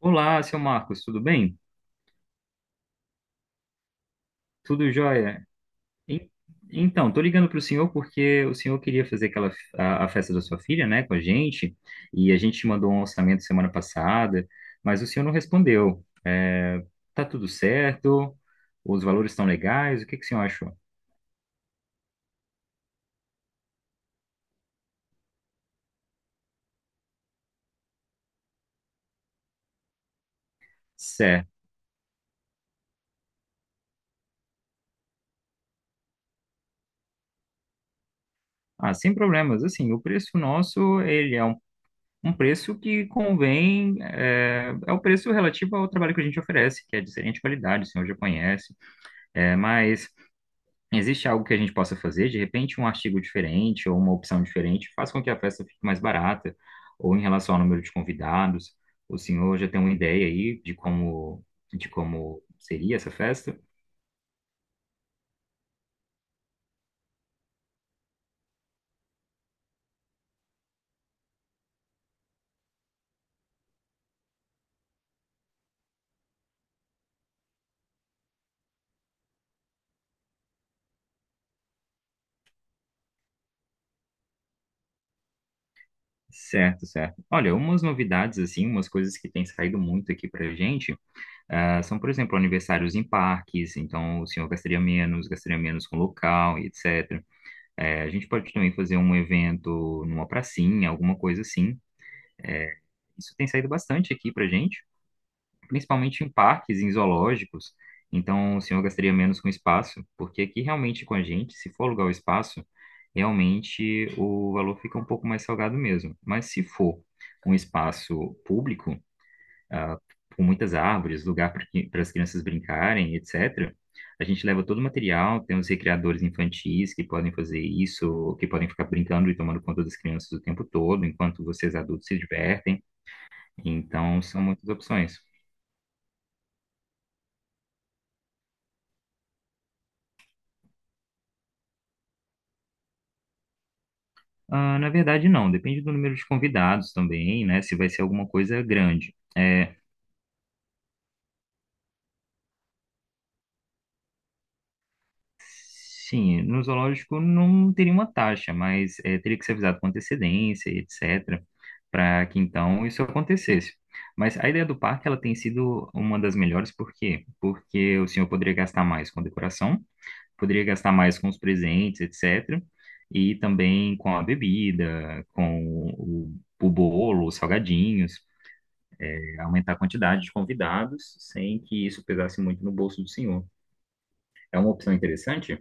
Olá, seu Marcos, tudo bem? Tudo jóia? En- Então, tô ligando para o senhor porque o senhor queria fazer a festa da sua filha, né, com a gente, e a gente mandou um orçamento semana passada, mas o senhor não respondeu. Tá tudo certo? Os valores estão legais? O que que o senhor achou? Certo. Ah, sem problemas. Assim, o preço nosso, ele é um, um preço que convém, é o preço relativo ao trabalho que a gente oferece, que é de excelente qualidade, o senhor já conhece. É, mas Existe algo que a gente possa fazer? De repente, um artigo diferente ou uma opção diferente faz com que a festa fique mais barata, ou em relação ao número de convidados. O senhor já tem uma ideia aí de como seria essa festa? Certo, certo. Olha, umas novidades, assim, umas coisas que têm saído muito aqui pra gente, são, por exemplo, aniversários em parques, então o senhor gastaria menos com local e etc. Eh, a gente pode também fazer um evento numa pracinha, alguma coisa assim. é, Isso tem saído bastante aqui pra gente, principalmente em parques, em zoológicos. Então, o senhor gastaria menos com espaço, porque aqui realmente com a gente, se for alugar o espaço, realmente o valor fica um pouco mais salgado mesmo. Mas se for um espaço público, ah, com muitas árvores, lugar para as crianças brincarem, etc., a gente leva todo o material, tem os recreadores infantis que podem fazer isso, que podem ficar brincando e tomando conta das crianças o tempo todo, enquanto vocês adultos se divertem. Então, são muitas opções. Ah, na verdade, não. Depende do número de convidados também, né? Se vai ser alguma coisa grande. Sim, no zoológico não teria uma taxa, mas teria que ser avisado com antecedência e etc. Para que então isso acontecesse. Mas a ideia do parque ela tem sido uma das melhores, por quê? Porque o senhor poderia gastar mais com decoração, poderia gastar mais com os presentes, etc. E também com a bebida, o, o bolo, os salgadinhos. É aumentar a quantidade de convidados sem que isso pesasse muito no bolso do senhor. É uma opção interessante?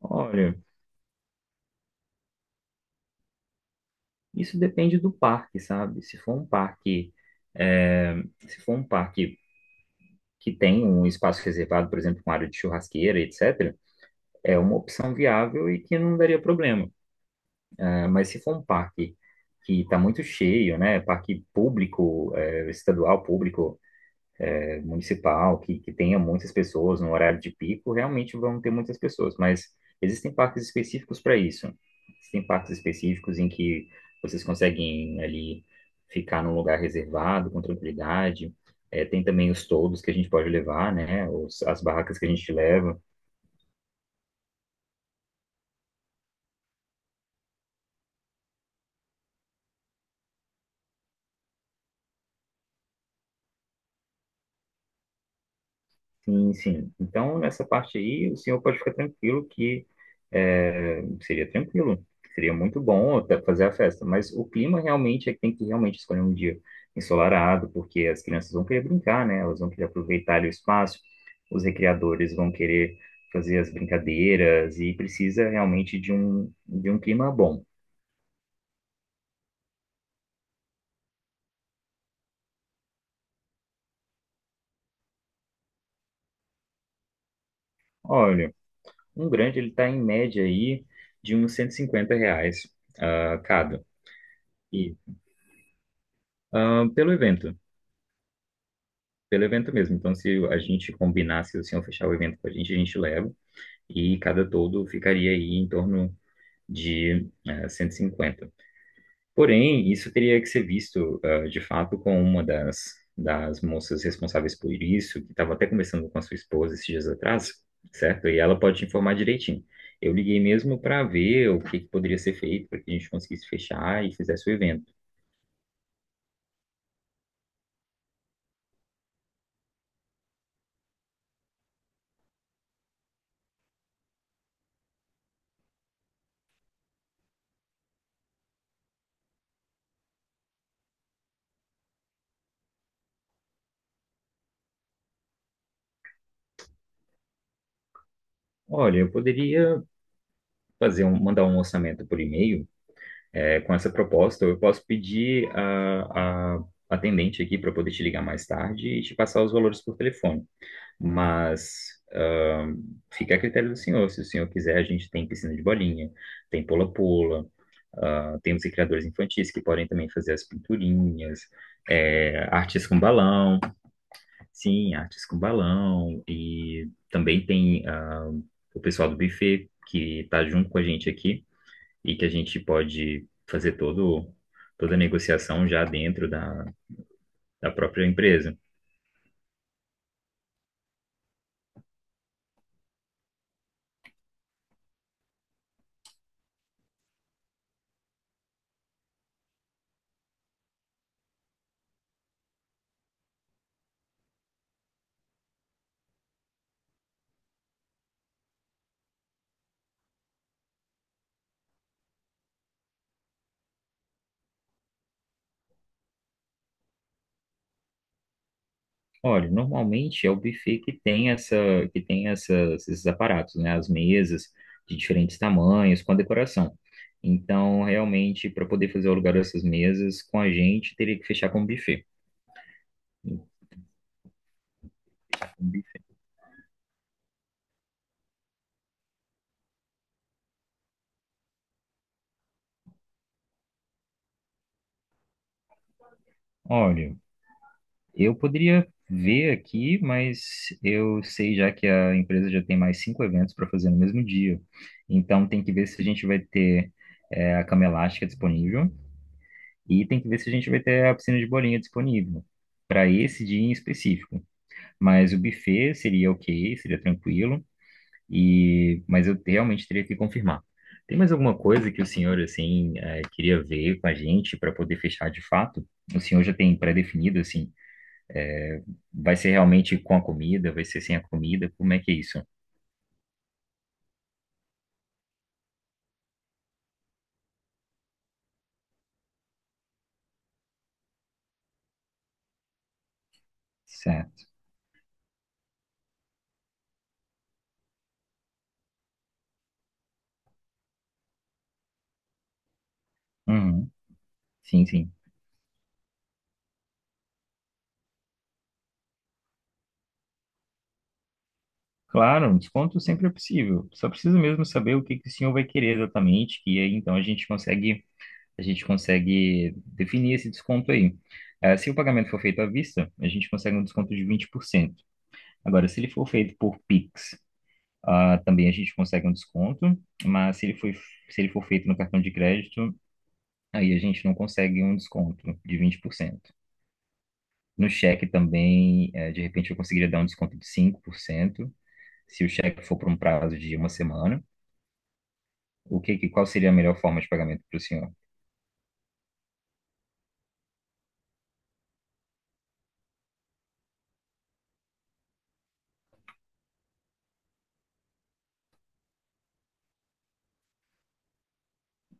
Olha, isso depende do parque, sabe? Se for um parque, é, se for um parque que tem um espaço reservado, por exemplo, com área de churrasqueira, etc., é uma opção viável e que não daria problema. É, mas se for um parque que está muito cheio, né? Parque público, estadual, público, municipal, que tenha muitas pessoas no horário de pico, realmente vão ter muitas pessoas, mas existem parques específicos para isso. Existem parques específicos em que vocês conseguem ali ficar num lugar reservado com tranquilidade. É, tem também os toldos que a gente pode levar, né? As barracas que a gente leva. Sim, sim. Então, nessa parte aí, o senhor pode ficar tranquilo que seria tranquilo, seria muito bom até fazer a festa, mas o clima realmente é que tem que realmente escolher um dia ensolarado, porque as crianças vão querer brincar, né? Elas vão querer aproveitar o espaço, os recreadores vão querer fazer as brincadeiras e precisa realmente de um clima bom. Olha, um grande ele está em média aí de uns 150 reais cada. E pelo evento. Pelo evento mesmo. Então, se a gente combinar, se o senhor fechar o evento com a gente leva. E cada todo ficaria aí em torno de 150. Porém, isso teria que ser visto, de fato, com uma das moças responsáveis por isso, que estava até conversando com a sua esposa esses dias atrás, certo? E ela pode te informar direitinho. Eu liguei mesmo para ver que poderia ser feito para que a gente conseguisse fechar e fizesse o evento. Olha, eu poderia mandar um orçamento por e-mail, é, com essa proposta, eu posso pedir a atendente aqui para poder te ligar mais tarde e te passar os valores por telefone. Mas fica a critério do senhor. Se o senhor quiser, a gente tem piscina de bolinha, tem pula-pula, tem os recreadores infantis que podem também fazer as pinturinhas, artes com balão, sim, artes com balão, e também tem o pessoal do buffet que está junto com a gente aqui e que a gente pode toda a negociação já dentro da, da própria empresa. Olha, normalmente é o buffet que tem essas, esses aparatos, né? As mesas de diferentes tamanhos, com a decoração. Então, realmente, para poder fazer o lugar dessas mesas com a gente, teria que fechar com o buffet. Olha, eu poderia ver aqui, mas eu sei já que a empresa já tem mais cinco eventos para fazer no mesmo dia. Então tem que ver se a gente vai ter a cama elástica disponível e tem que ver se a gente vai ter a piscina de bolinha disponível para esse dia em específico. Mas o buffet seria ok, seria tranquilo. Mas eu realmente teria que confirmar. Tem mais alguma coisa que o senhor assim queria ver com a gente para poder fechar de fato? O senhor já tem pré-definido assim? Vai ser realmente com a comida? Vai ser sem a comida? Como é que é isso? Certo. Uhum. Sim, sim. Claro, um desconto sempre é possível. Só precisa mesmo saber o que que o senhor vai querer exatamente, que aí então a gente consegue definir esse desconto aí. Eh, se o pagamento for feito à vista, a gente consegue um desconto de 20%. Agora, se ele for feito por Pix, também a gente consegue um desconto, mas se ele for feito no cartão de crédito, aí a gente não consegue um desconto de 20%. No cheque também, de repente, eu conseguiria dar um desconto de 5% se o cheque for por um prazo de uma semana. Qual seria a melhor forma de pagamento para o senhor?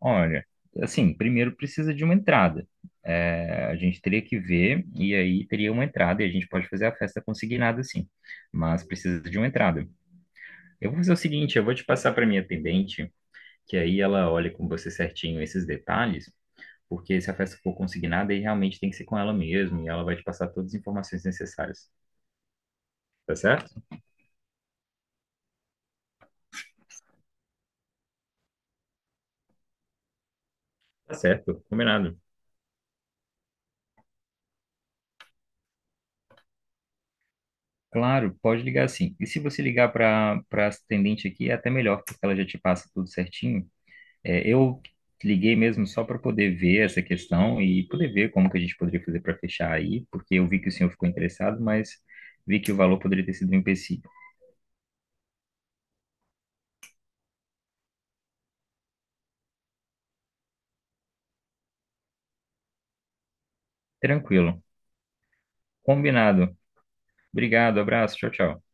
Olha, assim, primeiro precisa de uma entrada. Eh, a gente teria que ver, e aí teria uma entrada, e a gente pode fazer a festa consignada, sim. Mas precisa de uma entrada. Eu vou fazer o seguinte, eu vou te passar para minha atendente, que aí ela olha com você certinho esses detalhes, porque se a festa for consignada, aí realmente tem que ser com ela mesmo, e ela vai te passar todas as informações necessárias. Tá certo? Tá certo, combinado. Claro, pode ligar sim. E se você ligar para atendente aqui, é até melhor, porque ela já te passa tudo certinho. É, eu liguei mesmo só para poder ver essa questão e poder ver como que a gente poderia fazer para fechar aí, porque eu vi que o senhor ficou interessado, mas vi que o valor poderia ter sido um empecilho. Tranquilo. Combinado. Obrigado, abraço, tchau, tchau.